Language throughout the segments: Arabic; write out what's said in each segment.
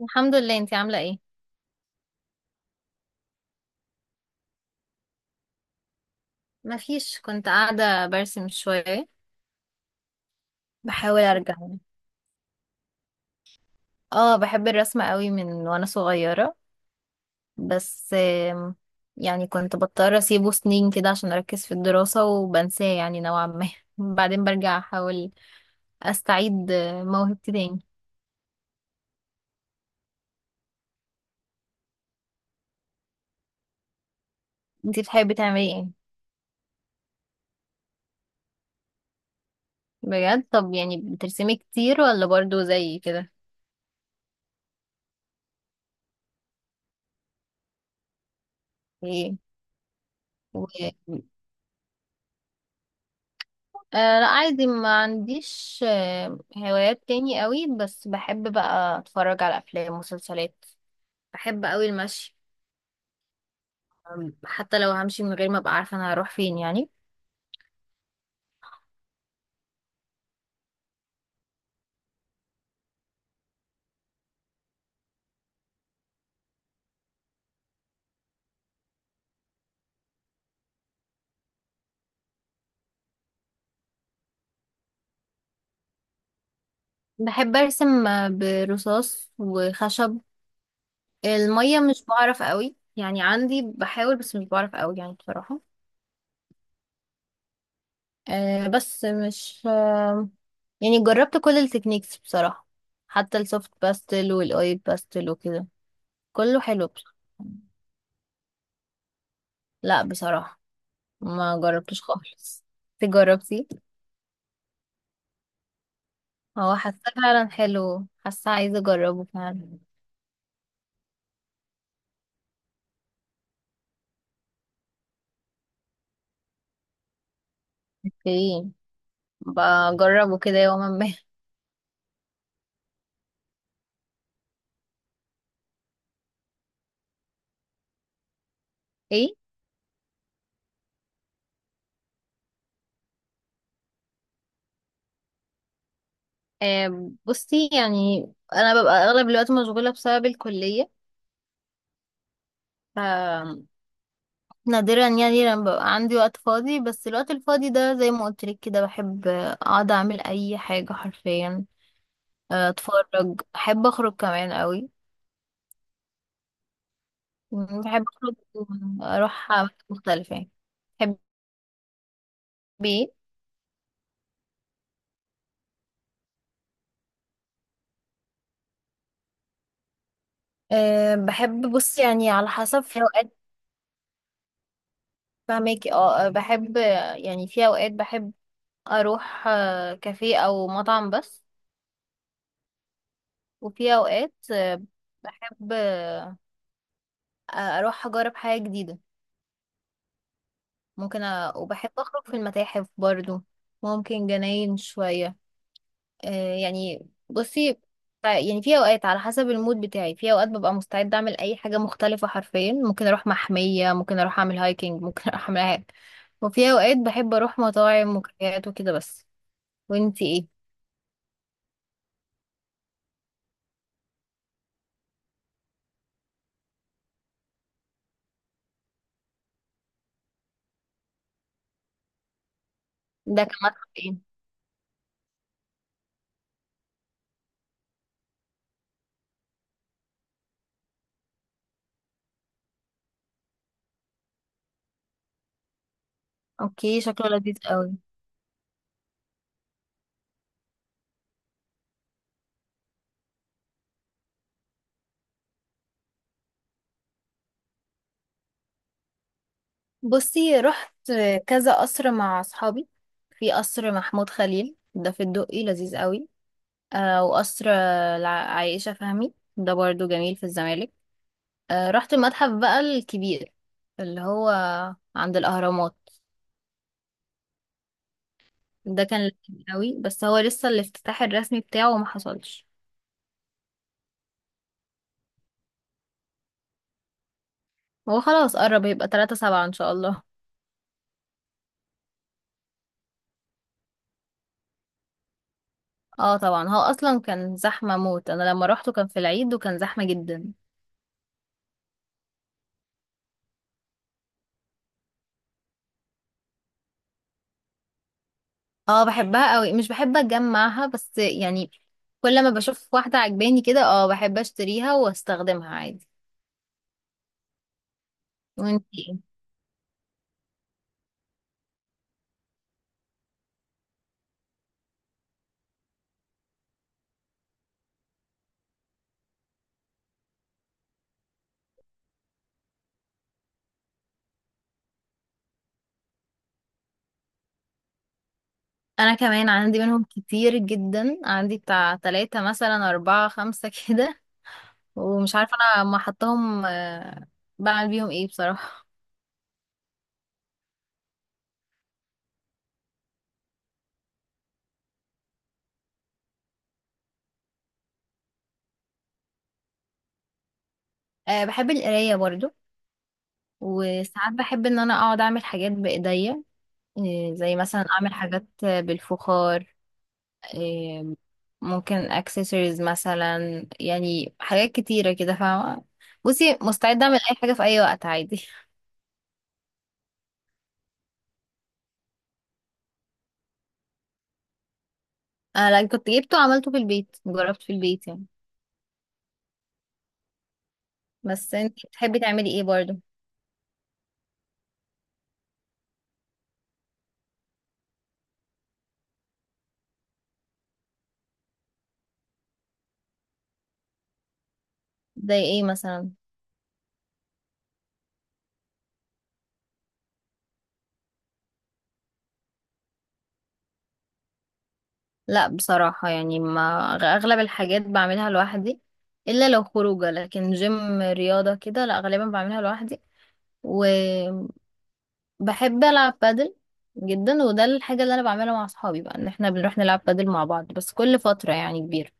الحمد لله. انتي عاملة ايه؟ مفيش، كنت قاعدة برسم شوية. بحاول ارجع. اه، بحب الرسم قوي من وانا صغيرة، بس آم، يعني كنت بضطر اسيبه سنين كده عشان اركز في الدراسة وبنساه يعني نوعا ما. بعدين برجع احاول استعيد موهبتي تاني. انتي بتحبي تعملي ايه؟ بجد؟ طب يعني بترسمي كتير ولا برضو زي كده؟ ايه لا، عادي، ما عنديش هوايات تاني قوي، بس بحب بقى اتفرج على افلام ومسلسلات. بحب قوي المشي. حتى لو همشي من غير ما ابقى عارفة انا هروح فين يعني. بحب ارسم برصاص وخشب. المية مش بعرف قوي، يعني عندي بحاول، بس مش بعرف قوي يعني بصراحة. بس مش يعني جربت كل التكنيكس بصراحة، حتى السوفت باستل والاويل باستل وكده. كله حلو بصراحة. لا بصراحة، ما جربتوش خالص. انت جربتي؟ هو حاسه فعلا حلو، حاسه عايزه اجربه فعلا. اوكي، بجربه كده يوما ما. ايه؟ بصي يعني، انا ببقى اغلب الوقت مشغوله بسبب الكليه، ف نادرا يعني لما ببقى عندي وقت فاضي، بس الوقت الفاضي ده زي ما قلت لك كده، بحب اقعد اعمل اي حاجه حرفيا. اتفرج، احب اخرج كمان قوي. بحب اخرج اروح أماكن مختلفه يعني. تحبي ايه؟ أه، بحب، بص يعني على حسب، في اوقات فهماكي، اه، آه، بحب آه، يعني في اوقات بحب اروح كافيه او مطعم بس، وفي اوقات آه، بحب آه، اروح اجرب حاجة جديدة. وبحب اخرج في المتاحف برضو، ممكن جناين شوية. يعني بصي، يعني في اوقات على حسب المود بتاعي، في اوقات ببقى مستعده اعمل اي حاجه مختلفه حرفيا، ممكن اروح محميه، ممكن اروح اعمل هايكنج، ممكن اروح اعمل أي حاجه. وفي اوقات بحب اروح مطاعم وكافيهات وكده بس. وانتي ايه؟ ده كمان ايه؟ اوكي، شكله لذيذ قوي. بصي رحت كذا قصر مع اصحابي. في قصر محمود خليل ده في الدقي، لذيذ قوي. آه، وقصر عائشة فهمي ده برضو جميل في الزمالك. رحت المتحف بقى الكبير اللي هو عند الأهرامات. ده كان لذيذ قوي، بس هو لسه الافتتاح الرسمي بتاعه ما حصلش. هو خلاص قرب، هيبقى 3 سبعة ان شاء الله. اه طبعا، هو اصلا كان زحمة موت. انا لما روحته كان في العيد وكان زحمة جدا. اه بحبها قوي، مش بحب اتجمعها بس يعني، كل ما بشوف واحدة عجباني كده اه بحب اشتريها واستخدمها عادي. وانتي؟ انا كمان عندي منهم كتير جدا، عندي بتاع تلاتة مثلا، اربعة، خمسة كده. ومش عارفة انا ما حطهم. بعمل بيهم ايه بصراحة؟ بحب القراية برضو. وساعات بحب ان انا اقعد اعمل حاجات بايديا، زي مثلا اعمل حاجات بالفخار، آه، ممكن اكسسوارز مثلا، يعني حاجات كتيرة كده فاهمة؟ بصي مستعدة اعمل اي حاجة في اي وقت عادي. انا لأ، كنت جبته وعملته في البيت، جربت في البيت يعني. بس انت بتحبي تعملي ايه برضو؟ زي ايه مثلا؟ لا بصراحة يعني، ما أغلب الحاجات بعملها لوحدي، إلا لو خروجة، لكن جيم رياضة كده لا، غالبا بعملها لوحدي. وبحب ألعب بادل جدا، وده الحاجة اللي أنا بعملها مع أصحابي بقى، إن إحنا بنروح نلعب بادل مع بعض بس كل فترة يعني كبيرة.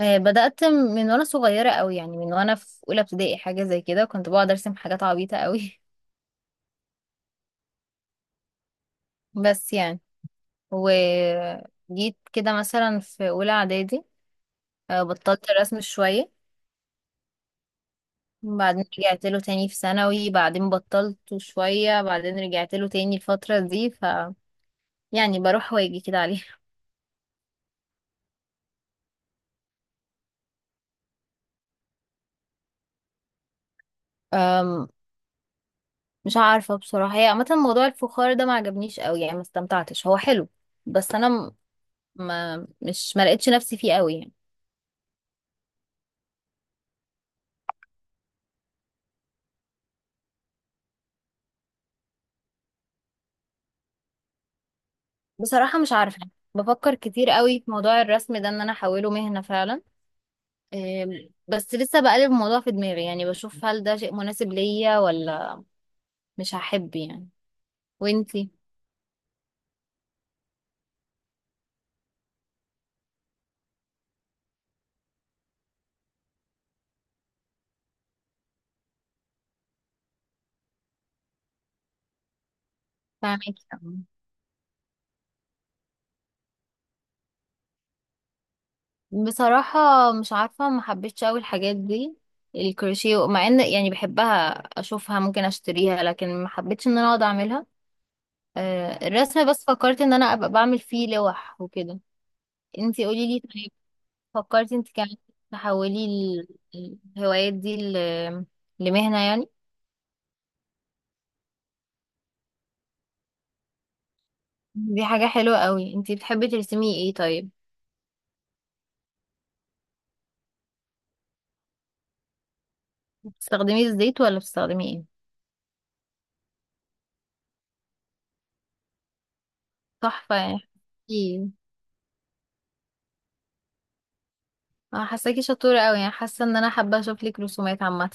بدأت من وأنا صغيرة أوي، يعني من وأنا في أولى ابتدائي حاجة زي كده، كنت بقعد أرسم حاجات عبيطة أوي. بس يعني وجيت كده مثلا في أولى إعدادي بطلت الرسم شوية، بعدين رجعت له تاني في ثانوي، بعدين بطلت شوية، بعدين رجعت له تاني الفترة دي. ف يعني بروح واجي كده عليه. أم، مش عارفة بصراحة، هي عامة موضوع الفخار ده ما عجبنيش قوي يعني، ما استمتعتش، هو حلو بس انا ما لقيتش نفسي فيه قوي يعني. بصراحة مش عارفة، بفكر كتير قوي في موضوع الرسم ده ان انا احوله مهنة فعلا. بس لسه بقلب الموضوع في دماغي يعني، بشوف هل ده شيء مناسب ليا ولا مش هحب يعني. وانتي؟ فاهمك. بصراحة مش عارفة، ما حبيتش أوي الحاجات دي. الكروشيه مع ان يعني بحبها اشوفها، ممكن اشتريها، لكن ما حبيتش ان انا اقعد اعملها. الرسم بس فكرت ان انا ابقى بعمل فيه لوح وكده. انتي قولي لي طيب، فكرتي انت كمان تحولي الهوايات دي لمهنة يعني؟ دي حاجة حلوة قوي. انتي بتحبي ترسمي ايه طيب؟ بتستخدمي الزيت ولا بتستخدمي ايه؟ تحفة يعني. ايه، انا حاساكي شطورة قوي، يعني حاسة ان انا حابة اشوف لك رسومات عامة.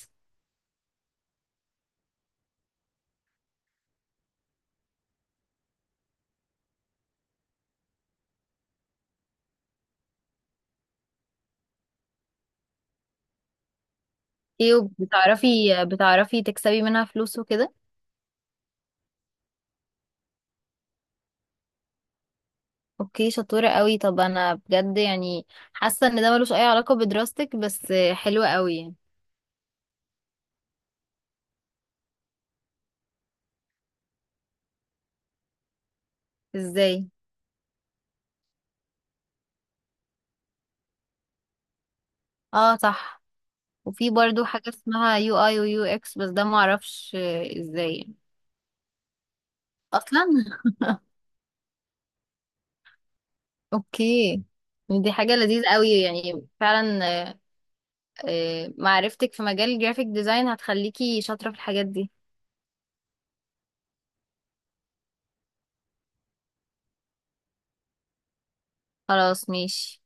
ايه وبتعرفي، بتعرفي تكسبي منها فلوس وكده؟ اوكي، شطورة قوي. طب انا بجد يعني حاسة ان ده ملوش اي علاقة بدراستك، بس حلوة قوي يعني. ازاي؟ اه صح. وفي برضو حاجة اسمها يو اي ويو اكس، بس ده معرفش ازاي يعني. اصلا؟ اوكي. يعني دي حاجة لذيذة قوي يعني فعلا. معرفتك في مجال الجرافيك ديزاين هتخليكي شاطرة في الحاجات دي. خلاص ماشي.